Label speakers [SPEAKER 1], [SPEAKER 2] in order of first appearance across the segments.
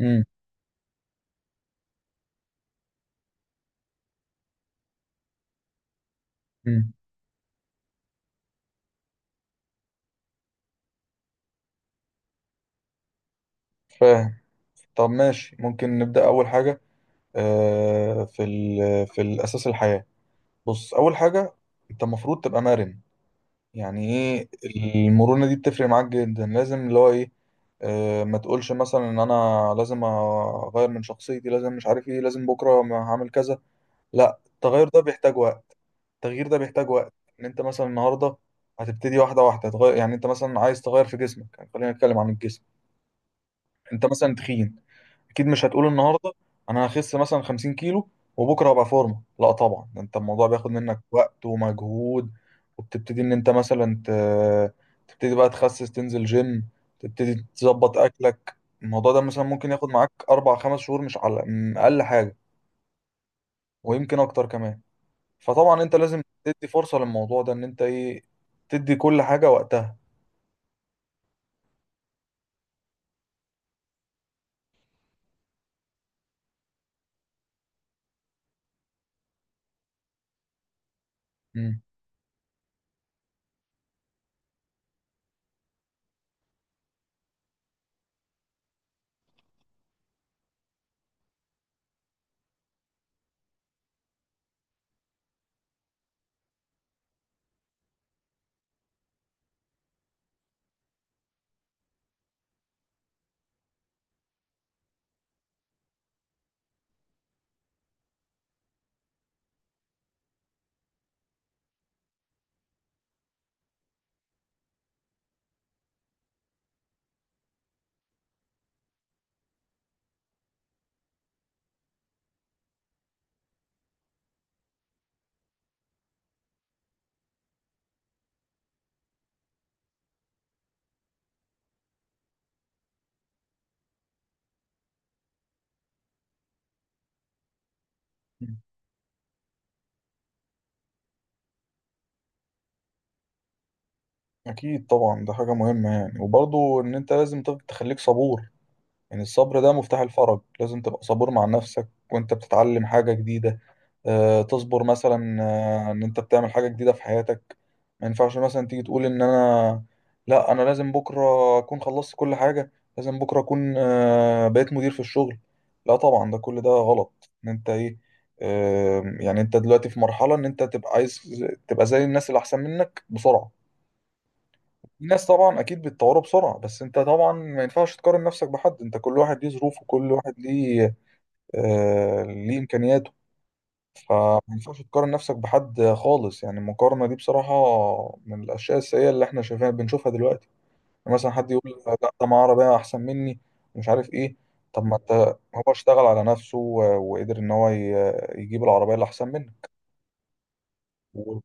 [SPEAKER 1] امم امم فاهم. طب ماشي، ممكن نبدأ أول حاجة. آه، في ال في الأساس الحياة. بص، أول حاجة أنت المفروض تبقى مرن. يعني إيه؟ المرونة دي بتفرق معاك جدا، لازم اللي هو إيه. ما تقولش مثلا إن أنا لازم أغير من شخصيتي، لازم مش عارف إيه، لازم بكرة ما هعمل كذا. لا، التغير ده بيحتاج وقت. التغيير ده بيحتاج وقت. إن أنت مثلا النهاردة هتبتدي واحدة واحدة تغير. يعني أنت مثلا عايز تغير في جسمك، يعني خلينا نتكلم عن الجسم. انت مثلا تخين، اكيد مش هتقول النهارده انا هخس مثلا 50 كيلو وبكره هبقى فورمه. لا طبعا، ده انت الموضوع بياخد منك وقت ومجهود. وبتبتدي ان انت مثلا تبتدي بقى تخسس، تنزل جيم، تبتدي تظبط اكلك. الموضوع ده مثلا ممكن ياخد معاك اربع خمس شهور، مش على اقل حاجه. ويمكن اكتر كمان. فطبعا انت لازم تدي فرصه للموضوع ده ان انت ايه، تدي كل حاجه وقتها. مم. اكيد طبعا، ده حاجه مهمه يعني. وبرضه ان انت لازم تخليك صبور. يعني الصبر ده مفتاح الفرج. لازم تبقى صبور مع نفسك وانت بتتعلم حاجة جديدة. تصبر مثلا، ان انت بتعمل حاجة جديدة في حياتك. ما ينفعش مثلا تيجي تقول ان انا، لا انا لازم بكرة اكون خلصت كل حاجة، لازم بكرة اكون بقيت مدير في الشغل. لا طبعا، ده كل ده غلط ان انت ايه. يعني انت دلوقتي في مرحلة ان انت تبقى عايز تبقى زي الناس اللي احسن منك بسرعة. الناس طبعا اكيد بيتطوروا بسرعه، بس انت طبعا ما ينفعش تقارن نفسك بحد. انت كل واحد ليه ظروفه، وكل واحد ليه ليه امكانياته. فما ينفعش تقارن نفسك بحد خالص. يعني المقارنه دي بصراحه من الاشياء السيئه اللي احنا بنشوفها دلوقتي. يعني مثلا حد يقول لا ده معاه عربيه احسن مني مش عارف ايه. طب ما انت، هو اشتغل على نفسه وقدر ان هو يجيب العربيه اللي احسن منه.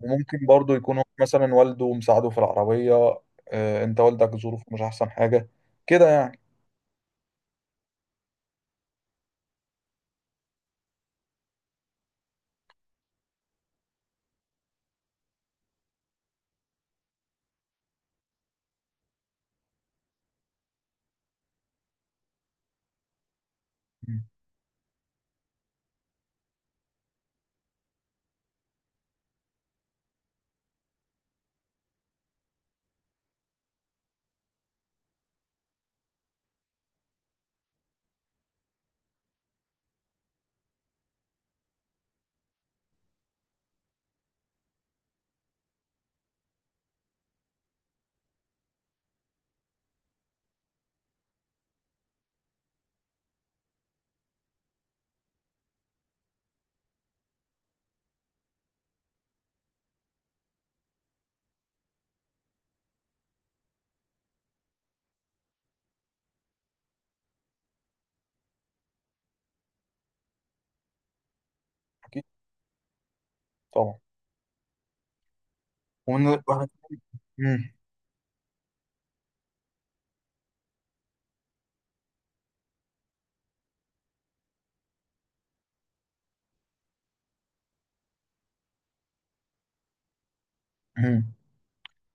[SPEAKER 1] ممكن برضو يكون هو مثلا والده مساعده في العربية. انت والدك ظروفه مش احسن حاجة كده يعني. مم. اكيد طبعا. ومن واحد- مم. مم.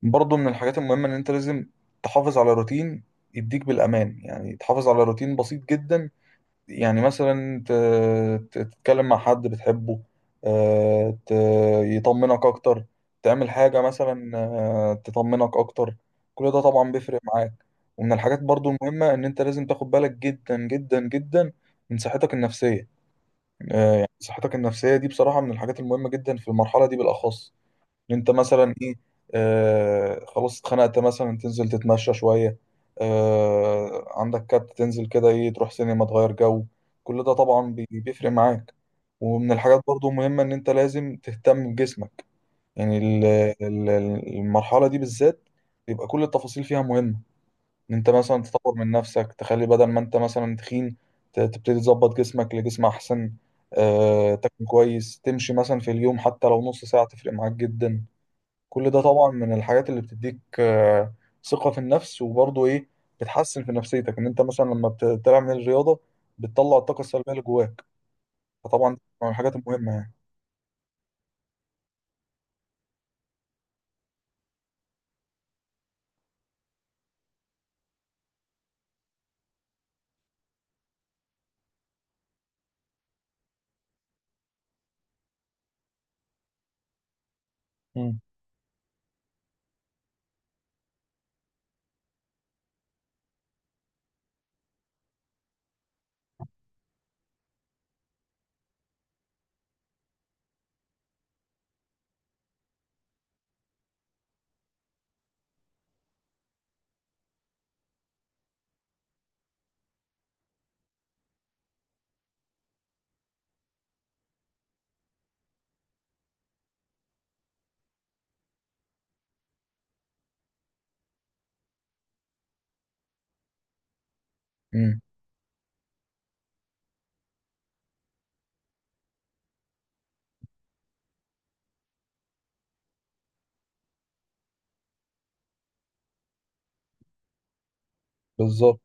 [SPEAKER 1] برضو من الحاجات المهمة ان انت لازم تحافظ على روتين يديك بالامان. يعني تحافظ على روتين بسيط جدا. يعني مثلا تتكلم مع حد بتحبه. آه، ت- يطمنك أكتر. تعمل حاجة مثلا تطمنك أكتر. كل ده طبعا بيفرق معاك. ومن الحاجات برضو المهمة إن أنت لازم تاخد بالك جدا جدا جدا من صحتك النفسية. يعني صحتك النفسية دي بصراحة من الحاجات المهمة جدا في المرحلة دي بالأخص. ان انت مثلا ايه، خلاص اتخنقت مثلا، تنزل تتمشى شوية. عندك كات، تنزل كده ايه، تروح سينما تغير جو. كل ده طبعا بيفرق معاك. ومن الحاجات برضو مهمة ان انت لازم تهتم بجسمك. يعني ال- ال- المرحلة دي بالذات يبقى كل التفاصيل فيها مهمة. ان انت مثلا تطور من نفسك، تخلي بدل ما انت مثلا تخين تبتدي تظبط جسمك لجسم احسن. تاكل كويس، تمشي مثلا في اليوم حتى لو نص ساعة تفرق معاك جدا. كل ده طبعا من الحاجات اللي بتديك ثقة في النفس. وبرضه ايه، بتحسن في نفسيتك ان انت مثلا لما بتعمل الرياضة، بتطلع الطاقة السلبية اللي جواك. فطبعا دي من الحاجات المهمة يعني. مم. امم بالظبط.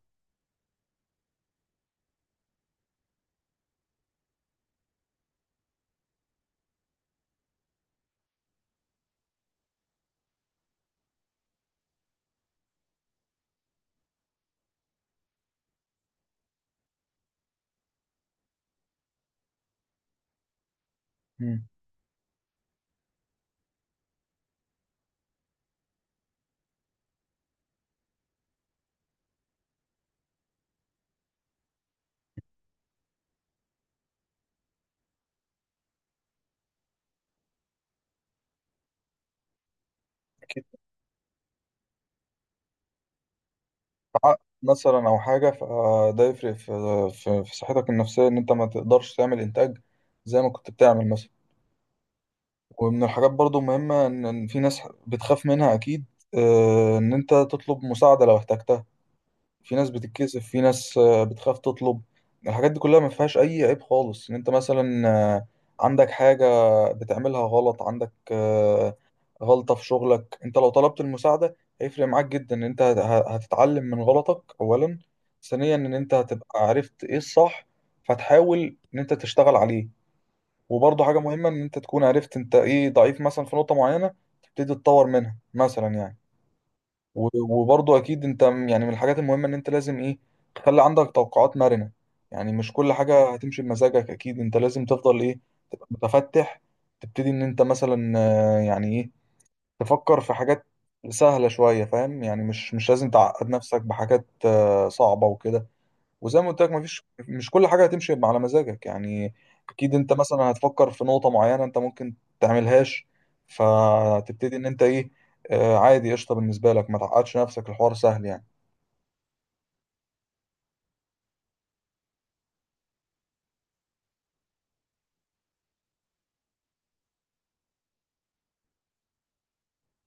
[SPEAKER 1] امم اكيد. عقد مثلا او حاجة، فده يفرق في صحتك النفسية ان انت ما تقدرش تعمل انتاج زي ما كنت بتعمل مثلا. ومن الحاجات برضه مهمة إن في ناس بتخاف منها اكيد. ان انت تطلب مساعدة لو احتجتها. في ناس بتتكسف، في ناس بتخاف تطلب. الحاجات دي كلها ما فيهاش اي عيب خالص. ان انت مثلا عندك حاجة بتعملها غلط، عندك غلطة في شغلك، انت لو طلبت المساعدة هيفرق معاك جدا. ان انت هتتعلم من غلطك اولا، ثانيا ان انت هتبقى عرفت ايه الصح، فتحاول ان انت تشتغل عليه. وبرضه حاجة مهمة ان انت تكون عرفت انت ايه ضعيف مثلا في نقطة معينة، تبتدي تتطور منها مثلا يعني. وبرضه اكيد انت يعني من الحاجات المهمه ان انت لازم ايه، تخلي عندك توقعات مرنه. يعني مش كل حاجه هتمشي بمزاجك. اكيد انت لازم تفضل ايه، تبقى متفتح. تبتدي ان انت مثلا يعني ايه، تفكر في حاجات سهله شويه فاهم يعني. مش لازم تعقد نفسك بحاجات صعبه وكده. وزي ما قلت لك مفيش، مش كل حاجه هتمشي على مزاجك يعني. اكيد انت مثلا هتفكر في نقطه معينه انت ممكن تعملهاش. فتبتدي ان انت ايه، عادي قشطه بالنسبه لك، ما تعقدش نفسك، الحوار سهل يعني.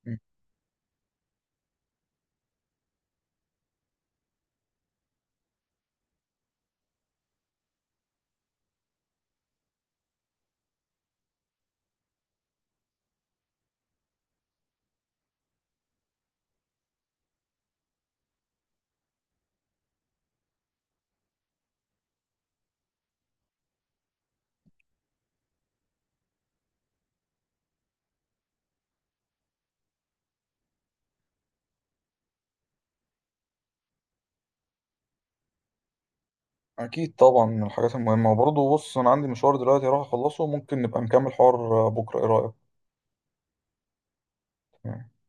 [SPEAKER 1] م. اكيد طبعا من الحاجات المهمه. وبرضه بص، انا عندي مشوار دلوقتي راح اخلصه، ممكن نبقى نكمل حوار بكره، ايه رايك؟